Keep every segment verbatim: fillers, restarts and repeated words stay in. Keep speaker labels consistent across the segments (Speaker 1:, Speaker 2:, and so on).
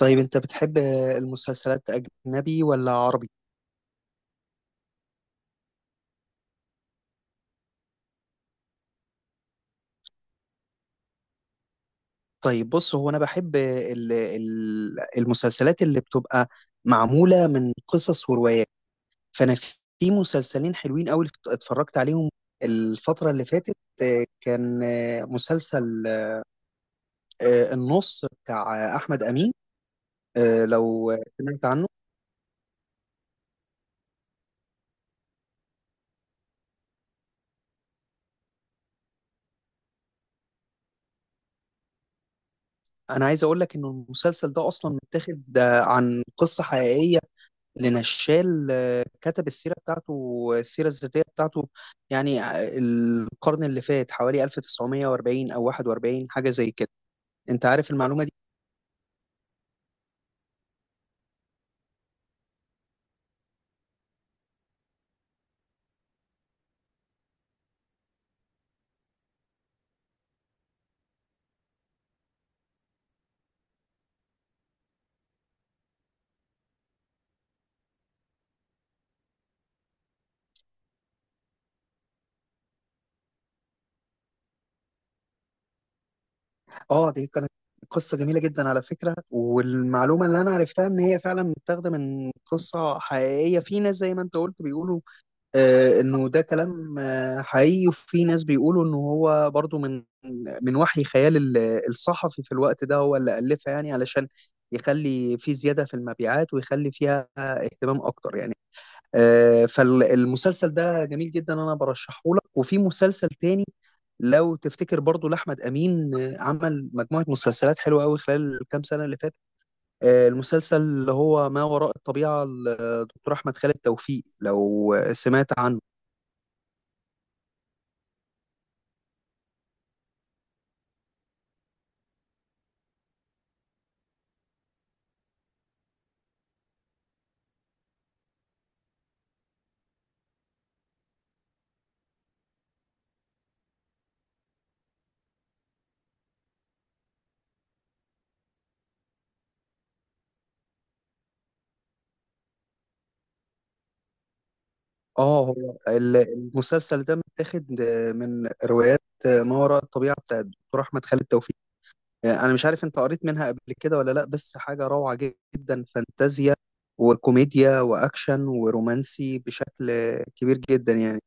Speaker 1: طيب انت بتحب المسلسلات اجنبي ولا عربي؟ طيب بص، هو انا بحب ال- ال- المسلسلات اللي بتبقى معمولة من قصص وروايات. فانا في مسلسلين حلوين قوي اتفرجت عليهم الفترة اللي فاتت. آه، كان آه، مسلسل آه، النص بتاع آه، احمد امين. آه، لو سمعت عنه. انا عايز اقول لك ان المسلسل ده اصلا متاخد آه، عن قصة حقيقية لنشال، آه، كتب السيرة بتاعته، السيرة الذاتية بتاعته. يعني آه، القرن اللي فات، حوالي ألف وتسعمية وأربعين أو واحد وأربعين، حاجة زي كده. أنت عارف المعلومة دي؟ آه، دي كانت قصة جميلة جدا على فكرة، والمعلومة اللي أنا عرفتها إن هي فعلا متاخدة من قصة حقيقية. في ناس زي ما أنت قلت بيقولوا آه، انه ده كلام آه، حقيقي، وفي ناس بيقولوا انه هو برضو من من وحي خيال ال- الصحفي في الوقت ده، هو اللي ألفها يعني علشان يخلي في زيادة في المبيعات ويخلي فيها اهتمام اكتر يعني. آه، فالمسلسل ده جميل جدا، انا برشحه لك. وفي مسلسل تاني لو تفتكر برضو لأحمد أمين، آه، عمل مجموعة مسلسلات حلوة قوي خلال الكام سنة اللي فاتت. آه، المسلسل اللي هو ما وراء الطبيعة لدكتور أحمد خالد توفيق، لو سمعت عنه. اه، هو ال- المسلسل ده متاخد آه، من روايات آه، ما وراء الطبيعة بتاعت الدكتور أحمد خالد توفيق. آه، أنا مش عارف أنت قريت منها قبل كده ولا لأ، بس حاجة روعة جدا، فانتازيا وكوميديا وأكشن ورومانسي بشكل آه، كبير جدا يعني.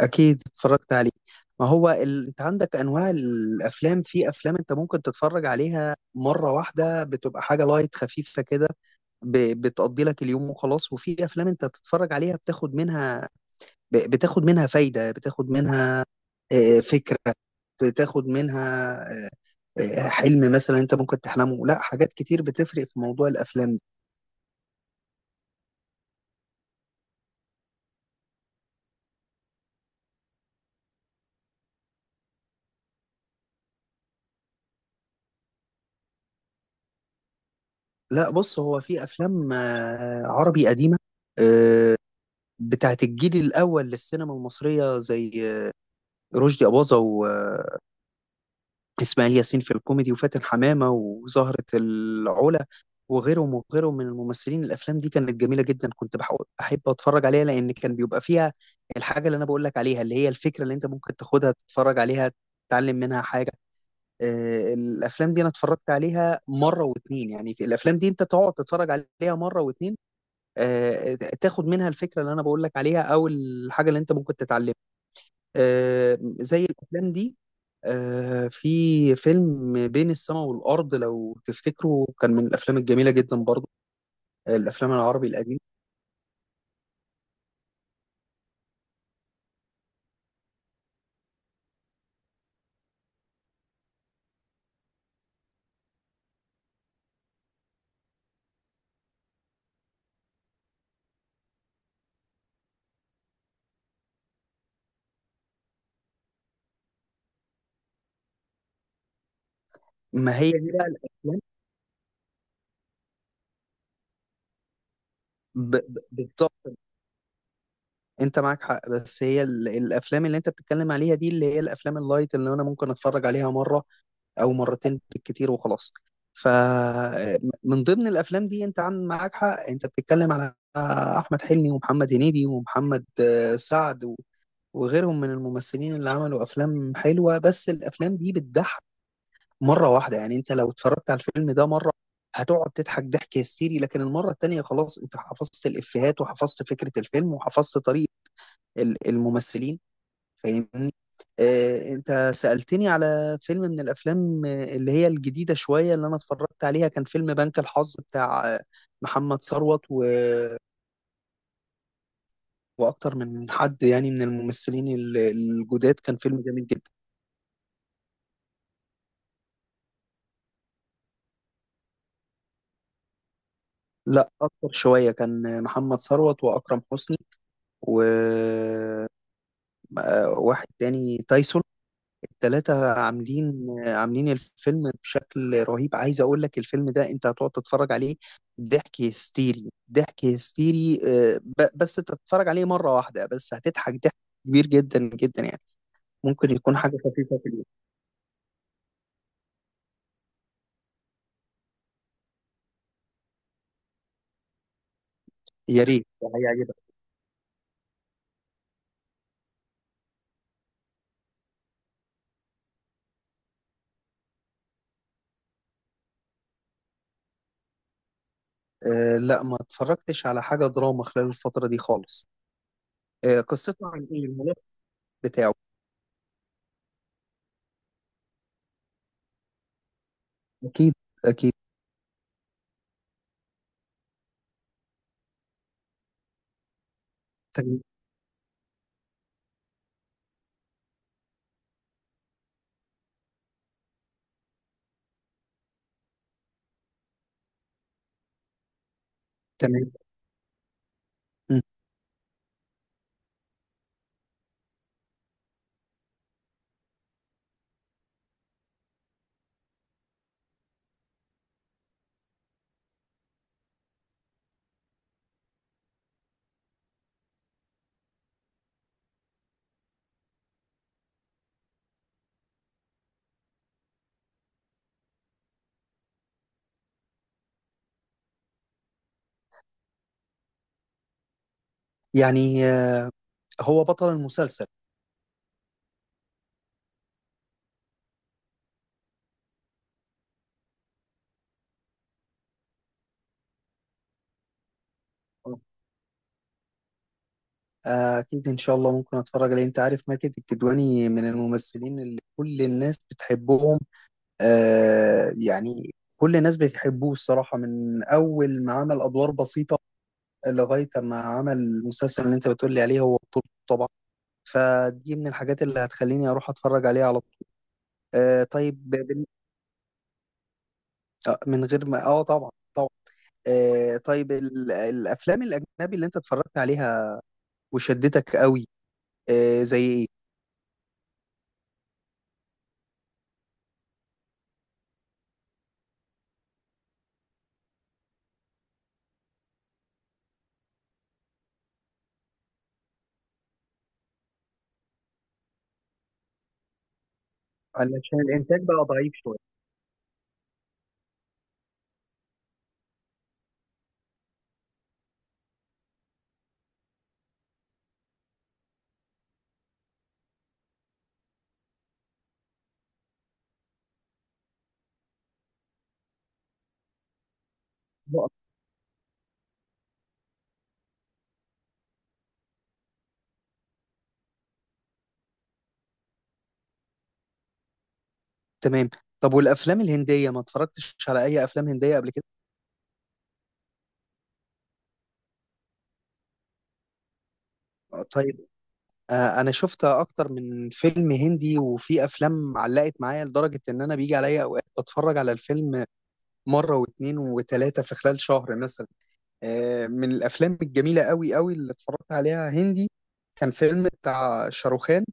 Speaker 1: أكيد اتفرجت عليه. ما هو ال... أنت عندك أنواع الأفلام. في أفلام أنت ممكن تتفرج عليها مرة واحدة، بتبقى حاجة لايت خفيفة كده، ب... بتقضي لك اليوم وخلاص. وفي أفلام أنت تتفرج عليها بتاخد منها، ب- بتاخد منها فايدة، بتاخد منها آه، فكرة، بتاخد منها آه، آه، حلم مثلا انت ممكن تحلمه. لا، حاجات كتير بتفرق في موضوع الافلام دي. لا بص، هو في افلام آه، عربي قديمة، آه، بتاعت الجيل الاول للسينما المصرية، زي آه، رشدي أباظة و- اسماعيل ياسين في الكوميدي، وفاتن حمامة وزهرة العلا، وغيرهم وغيرهم من الممثلين. الافلام دي كانت جميله جدا، كنت بحب احب اتفرج عليها لان كان بيبقى فيها الحاجه اللي انا بقول لك عليها، اللي هي الفكره اللي انت ممكن تاخدها تتفرج عليها تتعلم منها حاجه. آه، الافلام دي انا اتفرجت عليها مره واتنين، يعني في الافلام دي انت تقعد تتفرج عليها مره واتنين، آه، تاخد منها الفكره اللي انا بقول لك عليها او الحاجه اللي انت ممكن تتعلمها، آه، زي الافلام دي. آه، في فيلم بين السماء والارض لو تفتكروا، كان من الافلام الجميله جدا برضو، آه، الافلام العربي القديم. ما هي دي بقى الافلام. ب- ب- بالظبط، انت معاك حق. بس هي ال- الافلام اللي انت بتتكلم عليها دي، اللي هي الافلام اللايت اللي انا ممكن اتفرج عليها مره او مرتين بالكتير وخلاص. فمن ضمن الافلام دي، انت عن معاك حق، انت بتتكلم على احمد حلمي ومحمد هنيدي ومحمد آه، سعد وغيرهم من الممثلين اللي عملوا افلام حلوه. بس الافلام دي بتضحك مره واحده، يعني انت لو اتفرجت على الفيلم ده مره هتقعد تضحك ضحك هستيري، لكن المره التانيه خلاص انت حفظت الافيهات وحفظت فكره الفيلم وحفظت طريقه ال- الممثلين. فاهمني. آه، انت سألتني على فيلم من الافلام آه، اللي هي الجديده شويه اللي انا اتفرجت عليها. كان فيلم بنك الحظ بتاع آه، محمد ثروت و... واكتر من حد يعني من الممثلين ال- الجداد، كان فيلم جميل جدا. لا اكتر شويه، كان محمد ثروت واكرم حسني وواحد تاني تايسون. الثلاثه عاملين عاملين الفيلم بشكل رهيب. عايز اقول لك الفيلم ده انت هتقعد تتفرج عليه ضحك هستيري ضحك هستيري. آه، ب- بس تتفرج عليه مره واحده، بس هتضحك ضحك كبير جدا جدا يعني. ممكن يكون حاجه خفيفه في اليوم. يا ريت هيعجبك. أه لا، ما اتفرجتش على حاجه دراما خلال الفتره دي خالص. أه، قصته عن ايه، الملف بتاعه؟ اكيد. اكيد. تمام. تمام. مم. يعني آه، هو بطل المسلسل. آه، أكيد إن شاء الله، ممكن أتفرج عليه. أنت عارف ماجد الكدواني من الممثلين اللي كل الناس بتحبهم، آه، يعني كل الناس بتحبوه الصراحة، من أول ما عمل أدوار بسيطة لغاية ما عمل المسلسل اللي أنت بتقولي عليه، هو بطولته طبعا. فدي من الحاجات اللي هتخليني أروح أتفرج عليه على طول. آه، طيب بال- آه، من غير ما آه، طبعا طبعا. آه، طيب ال- الأفلام الأجنبي اللي أنت اتفرجت عليها وشدتك قوي، آه زي ايه؟ علشان الانتاج بقى ضعيف شويه. نقط. تمام. طب والافلام الهنديه، ما اتفرجتش على اي افلام هنديه قبل كده؟ آه، طيب. آه، انا شفت اكتر من فيلم هندي، وفي افلام علقت معايا لدرجه ان انا بيجي عليا اوقات بتفرج على الفيلم مره واثنين وثلاثه في خلال شهر مثلا. آه، من الافلام الجميله قوي قوي اللي اتفرجت عليها هندي كان فيلم بتاع شاروخان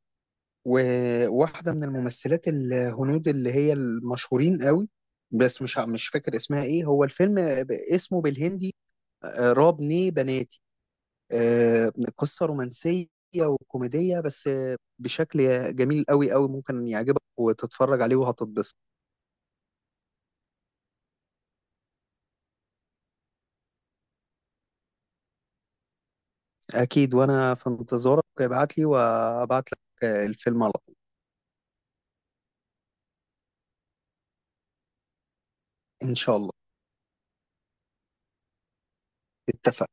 Speaker 1: وواحدة من الممثلات الهنود اللي هي المشهورين قوي، بس مش مش فاكر اسمها ايه. هو الفيلم ب- اسمه بالهندي آه، راب ني بناتي. آه، قصة رومانسية وكوميدية، بس آه، بشكل جميل قوي قوي، ممكن يعجبك وتتفرج عليه وهتتبسط. أكيد، وأنا في انتظارك، ابعت لي وابعت لك آه، الفيلم على طول. إن شاء الله. اتفقنا.